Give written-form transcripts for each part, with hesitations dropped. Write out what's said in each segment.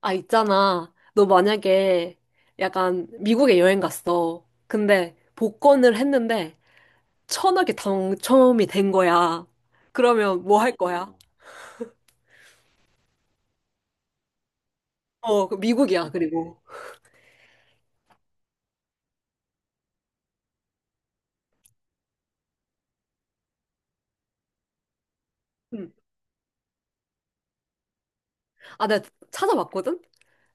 아, 있잖아. 너 만약에 약간 미국에 여행 갔어. 근데 복권을 했는데 1,000억이 당첨이 된 거야. 그러면 뭐 할 거야? 어, 어, 그 미국이야, 그리고. 음. 아, 내가 찾아봤거든?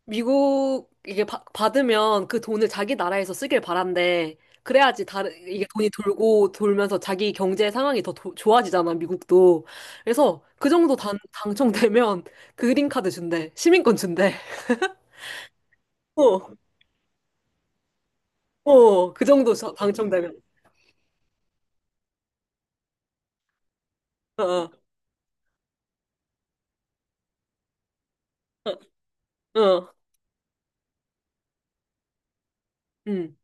미국 이게 받으면 그 돈을 자기 나라에서 쓰길 바란대. 그래야지 다른, 이게 돈이 돌고 돌면서 자기 경제 상황이 더 좋아지잖아, 미국도. 그래서 그 정도 당첨되면 그린카드 준대. 시민권 준대. 어. 어, 그 정도 당첨되면. 어, 어, 어, 어, 음.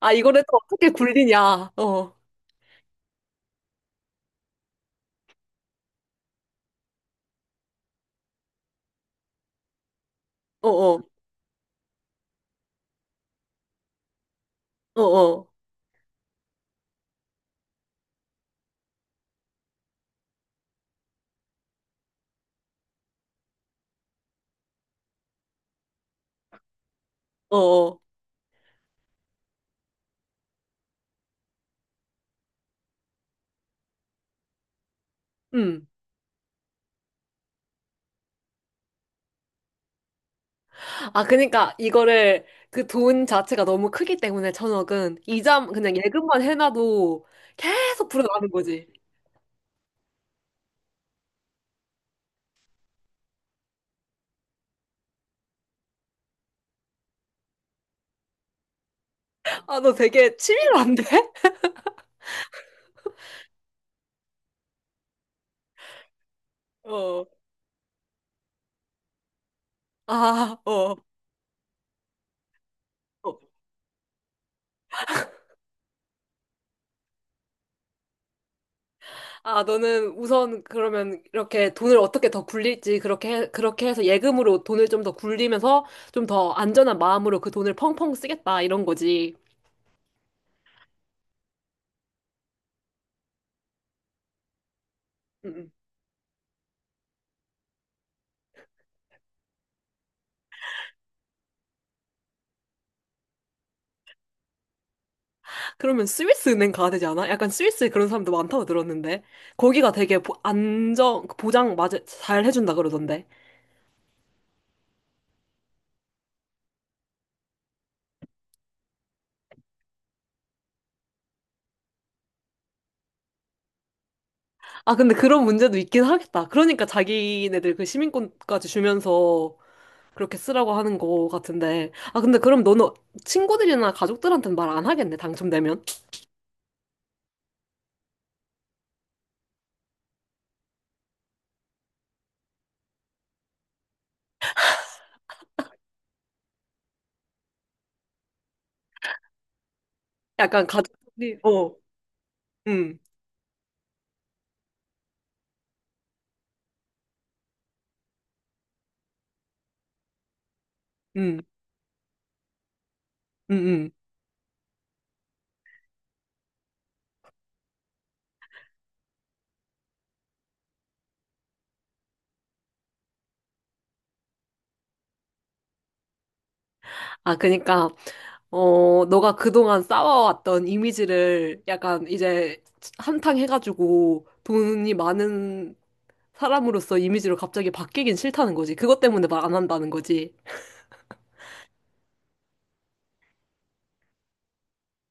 아, 이거를 또 어떻게 굴리냐. 어, 어, 어, 어, 어, 어, 어. 음. 아, 그러니까 이거를 그 돈 자체가 너무 크기 때문에 1,000억은 이자 그냥 예금만 해놔도 계속 불어나는 거지. 아, 너 되게 치밀한데? 어, 아, 어. 어. 아, 너는 우선 그러면 이렇게 돈을 어떻게 더 굴릴지 그렇게 해서 예금으로 돈을 좀 더 굴리면서 좀 더 안전한 마음으로 그 돈을 펑펑 쓰겠다 이런 거지. 음, 음. 그러면 스위스 은행 가야 되지 않아? 약간 스위스 그런 사람도 많다고 들었는데 거기가 되게 안정 그 보장 맞아 잘 해준다 그러던데. 아, 근데 그런 문제도 있긴 하겠다. 그러니까 자기네들 그 시민권까지 주면서 그렇게 쓰라고 하는 거 같은데. 아, 근데 그럼 너는 친구들이나 가족들한테는 말 안 하겠네 당첨되면? 약간 가족들이, 어, 음, 음, 음, 음. 아, 그니까, 어, 너가 그동안 쌓아왔던 이미지를 약간 이제 한탕 해가지고 돈이 많은 사람으로서 이미지로 갑자기 바뀌긴 싫다는 거지. 그것 때문에 말 안 한다는 거지.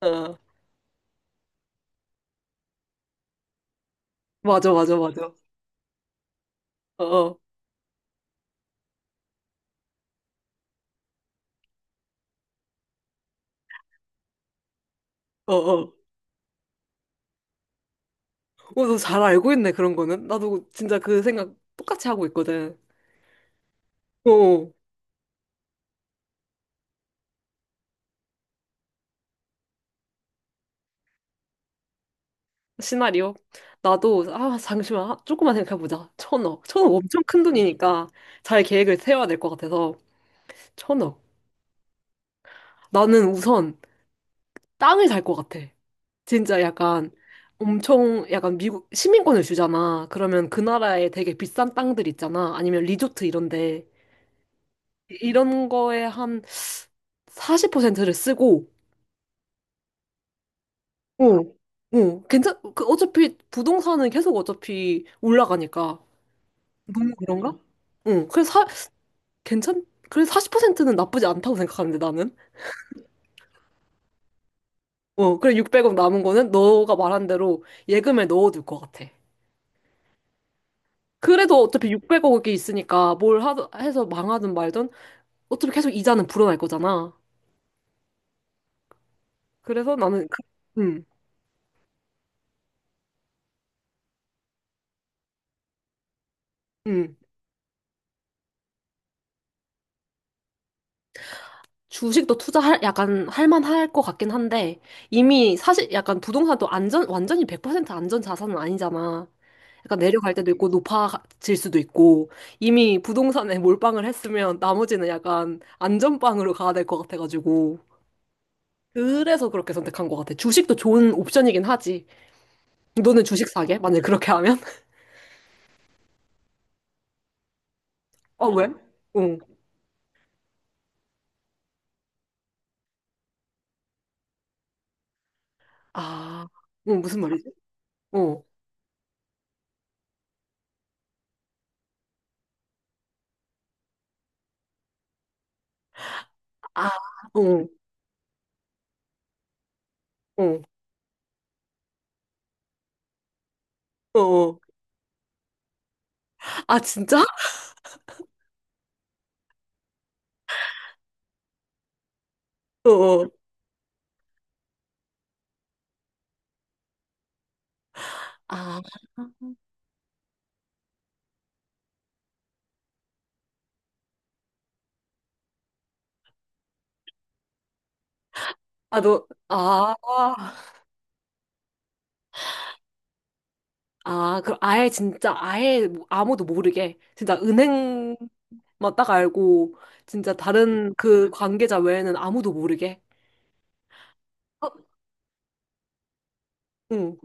어, 맞아, 맞아, 맞아. 어, 어, 어, 어. 어, 너 잘 알고 있네, 그런 거는. 나도 진짜 그 생각 똑같이 하고 있거든. 어. 시나리오? 나도, 아, 잠시만. 아, 조금만 생각해보자. 1,000억. 1,000억 엄청 큰 돈이니까 잘 계획을 세워야 될 것 같아서. 1,000억. 나는 우선 땅을 살 것 같아. 진짜 약간 엄청, 약간 미국 시민권을 주잖아. 그러면 그 나라에 되게 비싼 땅들 있잖아. 아니면 리조트 이런데. 이런 거에 한 40%를 쓰고, 응. 어, 그 어차피 부동산은 계속 어차피 올라가니까. 너무 그런가? 응. 그래서 그래 40%는 나쁘지 않다고 생각하는데 나는. 어, 그래 600억 남은 거는 너가 말한 대로 예금에 넣어둘 것 같아. 그래도 어차피 600억이 있으니까 뭘 해서 망하든 말든 어차피 계속 이자는 불어날 거잖아. 그래서 나는, 음, 음. 주식도 투자할 약간 할 만할 것 같긴 한데 이미 사실 약간 부동산도 안전 완전히 100% 안전 자산은 아니잖아. 약간 내려갈 때도 있고 높아질 수도 있고 이미 부동산에 몰빵을 했으면 나머지는 약간 안전빵으로 가야 될 것 같아가지고 그래서 그렇게 선택한 것 같아. 주식도 좋은 옵션이긴 하지. 너는 주식 사게? 만약에 그렇게 하면? 어, 왜? 응. 아, 응, 무슨 말이지? 어. 아, 어, 어, 어, 어. 아, 진짜? 어, 어. 아. 아, 너, 아, 아, 그럼 아예 진짜 아예 뭐 아무도 모르게 진짜 은행만 딱 알고 진짜 다른 그 관계자 외에는 아무도 모르게. 어, 응,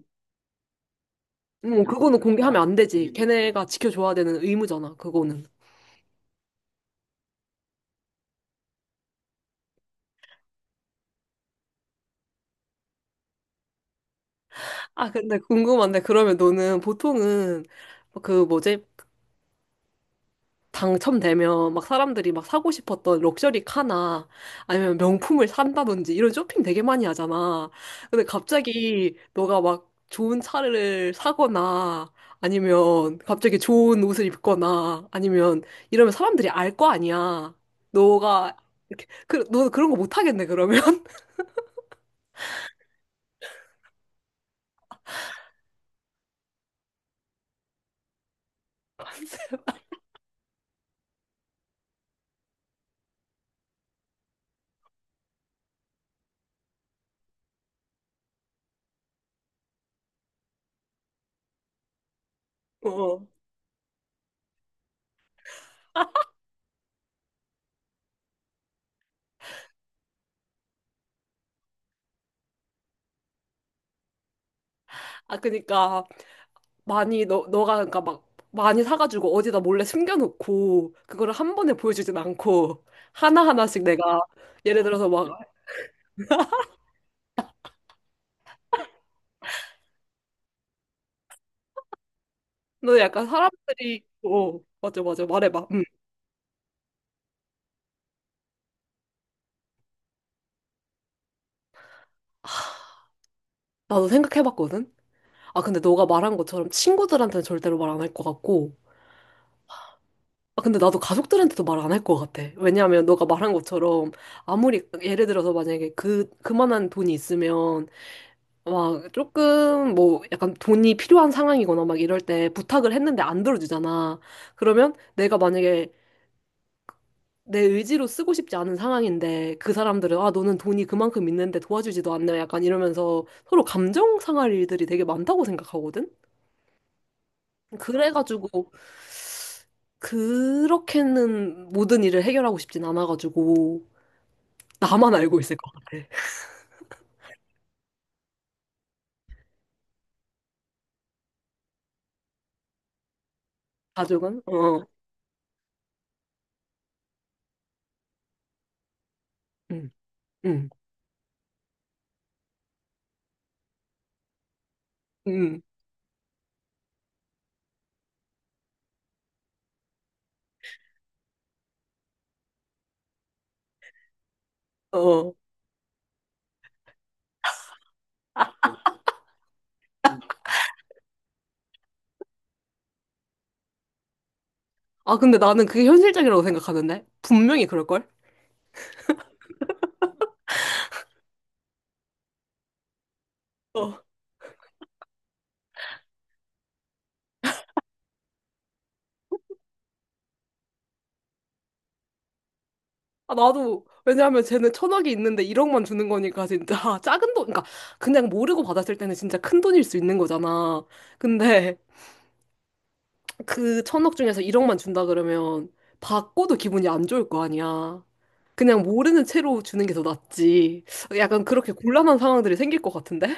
응, 그거는 공개하면 안 되지. 걔네가 지켜줘야 되는 의무잖아, 그거는. 아, 근데 궁금한데 그러면 너는 보통은 그 뭐지? 당첨되면 막 사람들이 막 사고 싶었던 럭셔리 카나 아니면 명품을 산다든지 이런 쇼핑 되게 많이 하잖아. 근데 갑자기 너가 막 좋은 차를 사거나 아니면 갑자기 좋은 옷을 입거나 아니면 이러면 사람들이 알 거 아니야. 너가 이렇게 그, 너 그런 거 못 하겠네 그러면. 어. 아, 그니까, 많이 너 너가 그러니까 막 많이 사가지고 어디다 몰래 숨겨놓고 그거를 한 번에 보여주진 않고 하나 하나씩 내가 예를 들어서 막 너 약간 사람들이 어, 맞아, 맞아, 말해봐, 응. 나도 생각해봤거든. 아, 근데 너가 말한 것처럼 친구들한테는 절대로 말 안 할 것 같고, 아, 근데 나도 가족들한테도 말 안 할 것 같아. 왜냐하면 너가 말한 것처럼 아무리 예를 들어서 만약에 그 그만한 돈이 있으면 와, 조금 뭐 약간 돈이 필요한 상황이거나 막 이럴 때 부탁을 했는데 안 들어주잖아. 그러면 내가 만약에 내 의지로 쓰고 싶지 않은 상황인데 그 사람들은 아, 너는 돈이 그만큼 있는데 도와주지도 않네. 약간 이러면서 서로 감정 상할 일들이 되게 많다고 생각하거든. 그래가지고 그렇게는 모든 일을 해결하고 싶진 않아가지고 나만 알고 있을 것 같아. 가족은? 어. 응, 응, 응. 어. 아, 근데 나는 그게 현실적이라고 생각하는데? 분명히 그럴걸? 어. 아, 나도, 왜냐하면 쟤는 1,000억이 있는데 1억만 주는 거니까 진짜 작은 돈, 그러니까 그냥 모르고 받았을 때는 진짜 큰 돈일 수 있는 거잖아. 근데 그 1,000억 중에서 1억만 준다 그러면 받고도 기분이 안 좋을 거 아니야. 그냥 모르는 채로 주는 게 더 낫지. 약간 그렇게 곤란한 상황들이 생길 것 같은데?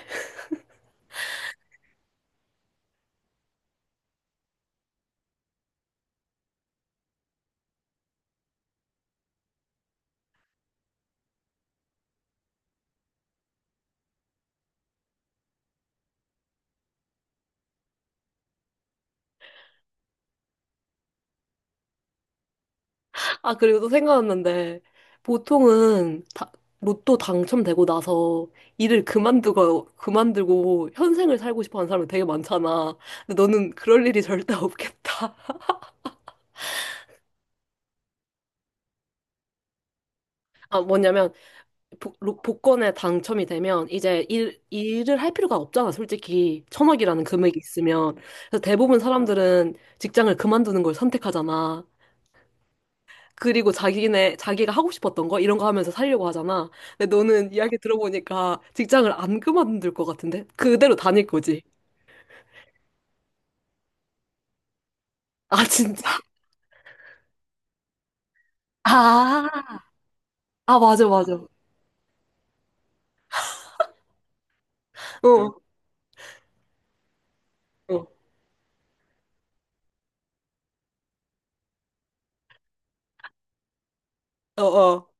아, 그리고 또 생각났는데, 보통은 다, 로또 당첨되고 나서 일을 그만두고 현생을 살고 싶어 하는 사람이 되게 많잖아. 근데 너는 그럴 일이 절대 없겠다. 아, 뭐냐면, 복권에 당첨이 되면 이제 일을 할 필요가 없잖아, 솔직히. 1,000억이라는 금액이 있으면. 그래서 대부분 사람들은 직장을 그만두는 걸 선택하잖아. 그리고 자기가 하고 싶었던 거, 이런 거 하면서 살려고 하잖아. 근데 너는 이야기 들어보니까 직장을 안 그만둘 것 같은데? 그대로 다닐 거지. 아, 진짜? 아, 아, 맞아, 맞아. 어, 어, 어, 어.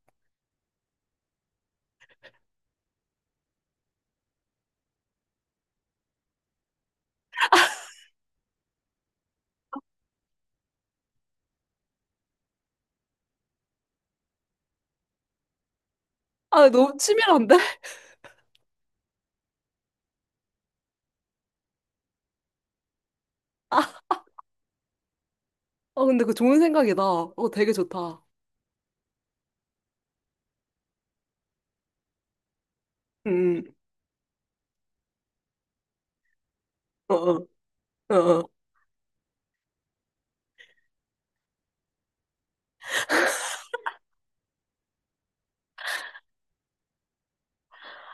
아, 너무 치밀한데? 아, 어, 근데 그 좋은 생각이다. 어, 되게 좋다. 음, 음. 어, 어, 어, 어.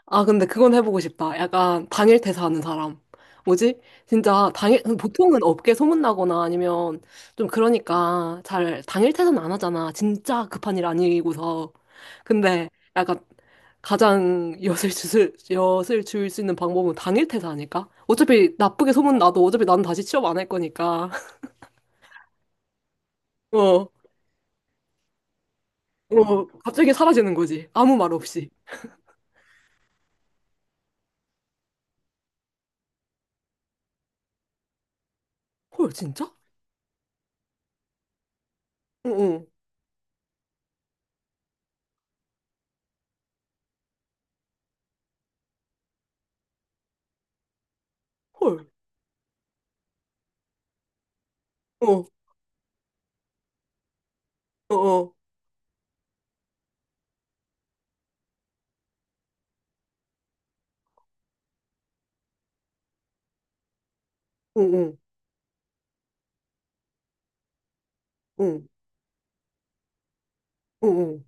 아, 근데 그건 해보고 싶다. 약간 당일 퇴사하는 사람. 뭐지? 진짜 당일, 보통은 업계 소문나거나 아니면 좀 그러니까 잘 당일 퇴사는 안 하잖아. 진짜 급한 일 아니고서. 근데 약간 가장 엿을 줄 수 있는 방법은 당일 퇴사 아닐까? 어차피 나쁘게 소문나도 어차피 나는 다시 취업 안 할 거니까. 어, 어, 갑자기 사라지는 거지. 아무 말 없이. 헐, 진짜? 응, 응, 헐. 어, 어, 어, 응, 응, 응, 응, 응.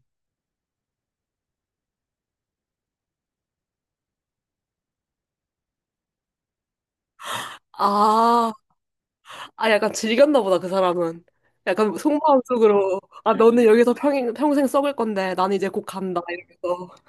아, 아, 약간 즐겼나 보다, 그 사람은. 약간 속마음속으로, 아, 너는 여기서 평생 썩을 건데, 나는 이제 곧 간다, 이러면서.